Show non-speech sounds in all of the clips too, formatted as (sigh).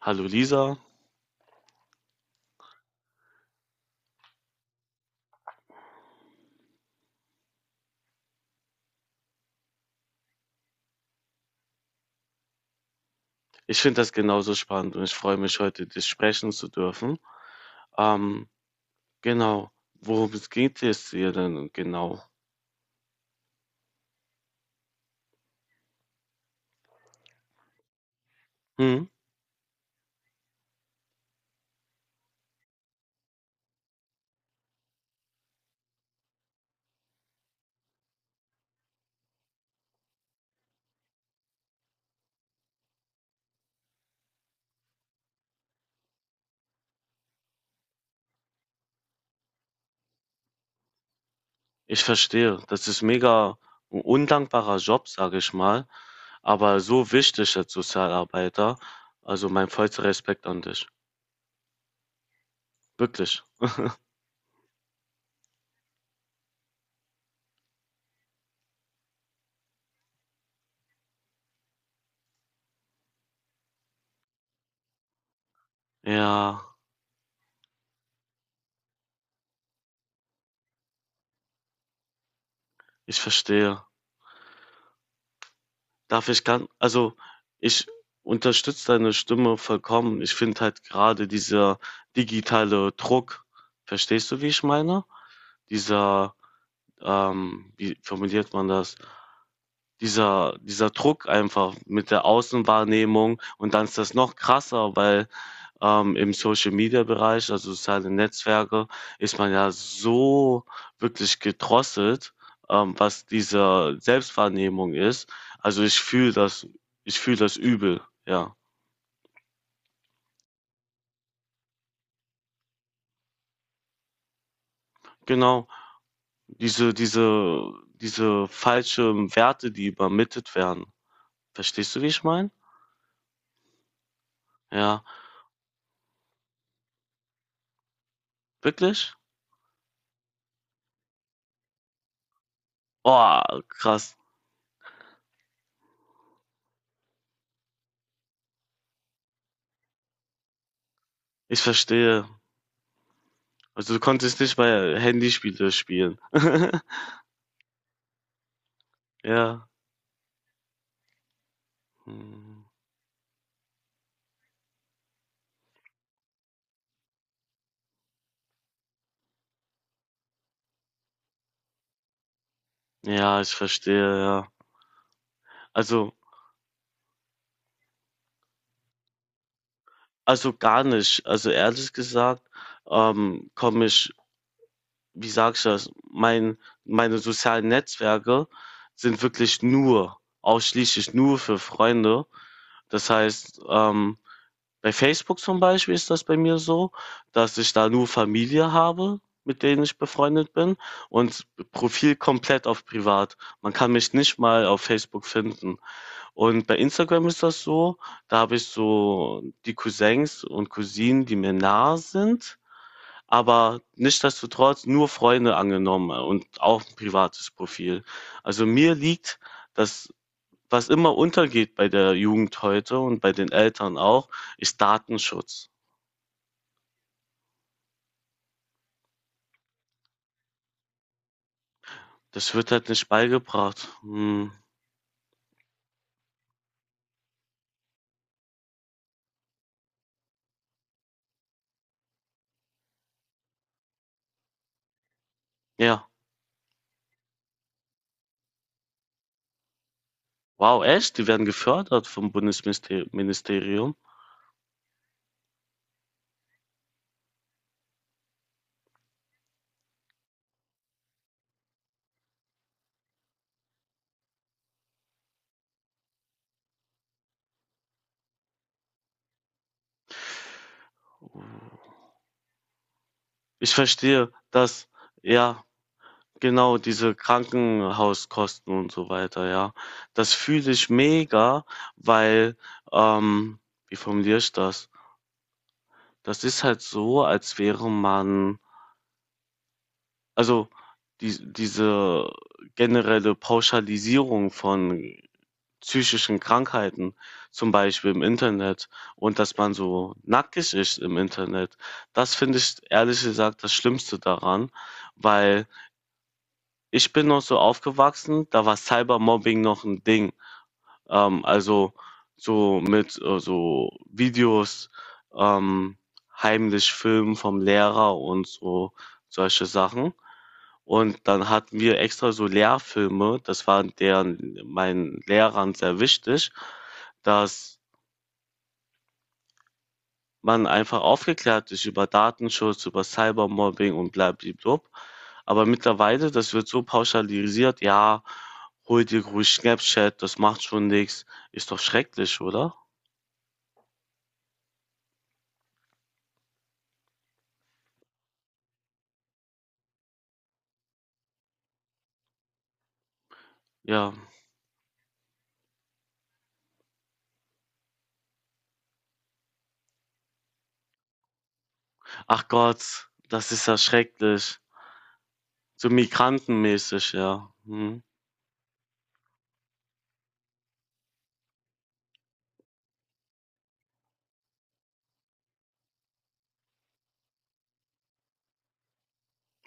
Hallo Lisa, ich finde das genauso spannend und ich freue mich, heute dich sprechen zu dürfen. Ähm, genau, worum es geht es dir denn genau? Hm, ich verstehe, das ist mega ein undankbarer Job, sage ich mal, aber so wichtig als Sozialarbeiter. Also mein vollster Respekt an dich. Wirklich. Ja, ich verstehe. Darf ich kann also, ich unterstütze deine Stimme vollkommen. Ich finde halt gerade dieser digitale Druck, verstehst du, wie ich meine? Dieser, wie formuliert man das? Dieser Druck einfach mit der Außenwahrnehmung, und dann ist das noch krasser, weil im Social-Media-Bereich, also soziale Netzwerke, ist man ja so wirklich gedrosselt, was diese Selbstwahrnehmung ist. Also ich fühle das übel, ja. Genau, diese, diese, diese falschen Werte, die übermittelt werden. Verstehst du, wie ich meine? Ja, wirklich? Oh, krass. Ich verstehe. Also du konntest nicht mal Handyspiele spielen. (laughs) Ja. Hm. Ja, ich verstehe, ja. Also also gar nicht. Also ehrlich gesagt, komme ich wie sage ich das? Meine sozialen Netzwerke sind wirklich nur ausschließlich nur für Freunde. Das heißt, bei Facebook zum Beispiel ist das bei mir so, dass ich da nur Familie habe, mit denen ich befreundet bin, und Profil komplett auf privat. Man kann mich nicht mal auf Facebook finden. Und bei Instagram ist das so, da habe ich so die Cousins und Cousinen, die mir nah sind, aber nichtsdestotrotz nur Freunde angenommen und auch ein privates Profil. Also mir liegt das, was immer untergeht bei der Jugend heute und bei den Eltern auch, ist Datenschutz. Das wird halt nicht beigebracht. Hm. Ja, wow, echt? Die werden gefördert vom Bundesministerium. Ich verstehe, dass, ja, genau, diese Krankenhauskosten und so weiter, ja. Das fühle ich mega, weil, ähm, wie formuliere ich das? Das ist halt so, als wäre man, also diese generelle Pauschalisierung von psychischen Krankheiten, zum Beispiel im Internet, und dass man so nackig ist im Internet, das finde ich ehrlich gesagt das Schlimmste daran, weil ich bin noch so aufgewachsen, da war Cybermobbing noch ein Ding. Ähm, also, so mit, so Videos, ähm, heimlich filmen vom Lehrer und so solche Sachen. Und dann hatten wir extra so Lehrfilme, das war deren meinen Lehrern sehr wichtig, dass man einfach aufgeklärt ist über Datenschutz, über Cybermobbing und blablabla. Aber mittlerweile, das wird so pauschalisiert, ja, hol dir ruhig Snapchat, das macht schon nichts. Ist doch schrecklich, oder? Ja. Ach Gott, das ist ja schrecklich. So migrantenmäßig, ja. Hm.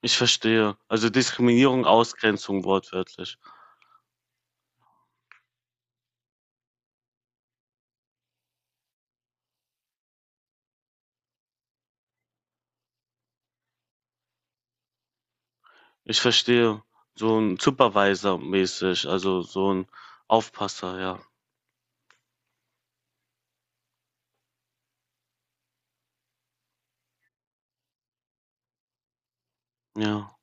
Ich verstehe. Also Diskriminierung, Ausgrenzung wortwörtlich. Ich verstehe. So ein Supervisor-mäßig, also so ein Aufpasser, ja. Ja.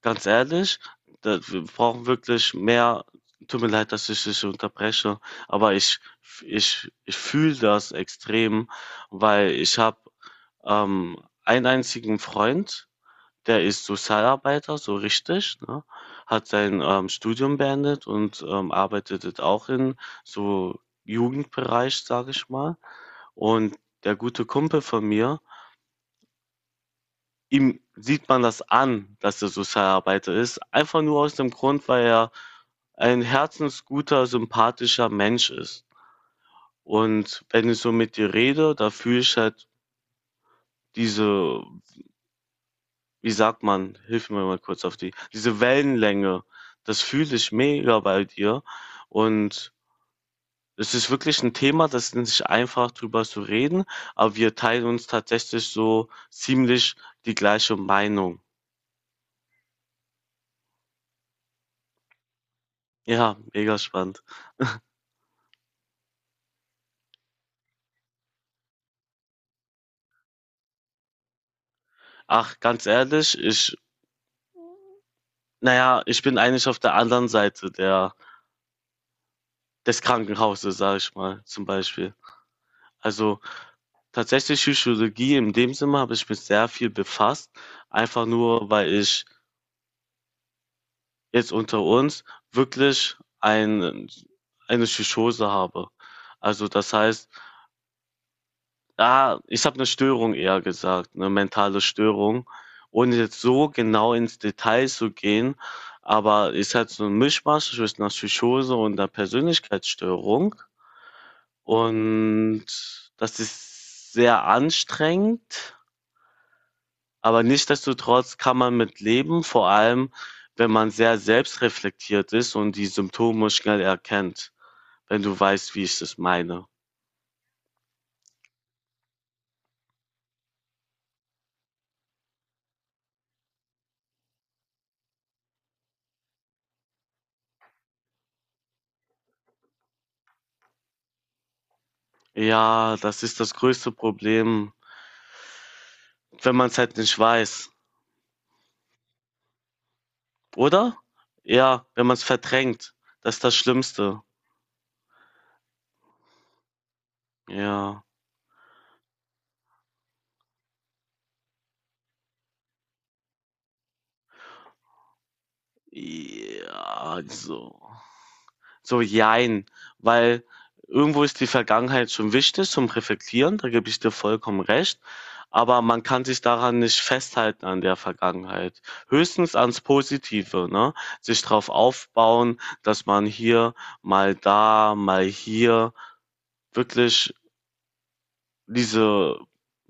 Ganz ehrlich, da wir brauchen wirklich mehr tut mir leid, dass ich dich unterbreche, aber ich fühle das extrem, weil ich habe, ähm, einen einzigen Freund, der ist Sozialarbeiter, so richtig, ne? Hat sein, Studium beendet und, arbeitet jetzt auch in so Jugendbereich, sage ich mal. Und der gute Kumpel von mir ihm sieht man das an, dass er Sozialarbeiter ist. Einfach nur aus dem Grund, weil er ein herzensguter, sympathischer Mensch ist. Und wenn ich so mit dir rede, da fühle ich halt diese, wie sagt man, hilf mir mal kurz auf diese Wellenlänge. Das fühle ich mega bei dir. Und es ist wirklich ein Thema, das ist nicht einfach drüber zu reden, aber wir teilen uns tatsächlich so ziemlich die gleiche Meinung. Ja, mega spannend. Ach, ganz ehrlich, ich naja, ich bin eigentlich auf der anderen Seite der des Krankenhauses, sage ich mal, zum Beispiel. Also, tatsächlich Psychologie in dem Sinne habe ich mich sehr viel befasst, einfach nur, weil ich, jetzt unter uns, wirklich eine Psychose habe. Also, das heißt, ah, ich habe eine Störung eher gesagt, eine mentale Störung, ohne jetzt so genau ins Detail zu gehen, aber ist halt so ein Mischmasch zwischen 'ner Psychose und einer Persönlichkeitsstörung, und das ist sehr anstrengend, aber nichtsdestotrotz kann man mit leben, vor allem, wenn man sehr selbstreflektiert ist und die Symptome schnell erkennt, wenn du weißt, wie ich das meine. Ja, das ist das größte Problem, wenn man es halt nicht weiß. Oder? Ja, wenn man es verdrängt. Das ist das Schlimmste. Ja. Ja, so. So, jein. Weil irgendwo ist die Vergangenheit schon wichtig zum Reflektieren, da gebe ich dir vollkommen recht. Aber man kann sich daran nicht festhalten, an der Vergangenheit. Höchstens ans Positive, ne? Sich drauf aufbauen, dass man hier, mal da, mal hier wirklich diese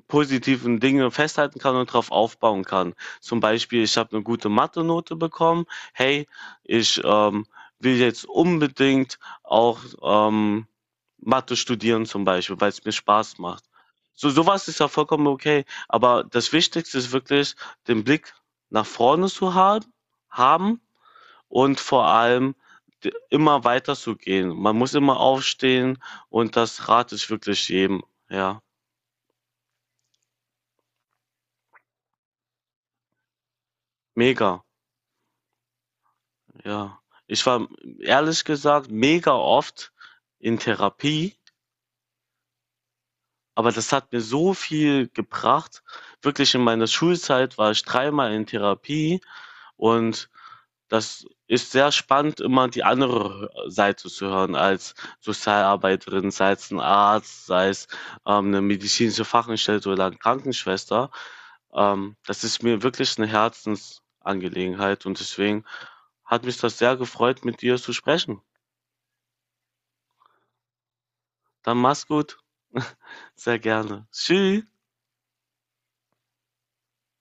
positiven Dinge festhalten kann und darauf aufbauen kann. Zum Beispiel, ich habe eine gute Mathe-Note bekommen. Hey, ich will jetzt unbedingt auch Mathe studieren zum Beispiel, weil es mir Spaß macht. So sowas ist ja vollkommen okay. Aber das Wichtigste ist wirklich, den Blick nach vorne zu haben und vor allem immer weiter zu gehen. Man muss immer aufstehen, und das rate ich wirklich jedem. Ja, mega. Ja, ich war ehrlich gesagt mega oft in Therapie, aber das hat mir so viel gebracht. Wirklich in meiner Schulzeit war ich dreimal in Therapie, und das ist sehr spannend, immer die andere Seite zu hören, als Sozialarbeiterin, sei es ein Arzt, sei es eine medizinische Fachangestellte oder eine Krankenschwester. Das ist mir wirklich eine Herzensangelegenheit, und deswegen hat mich das sehr gefreut, mit dir zu sprechen. Dann mach's gut. (laughs) Sehr gerne. Tschüss.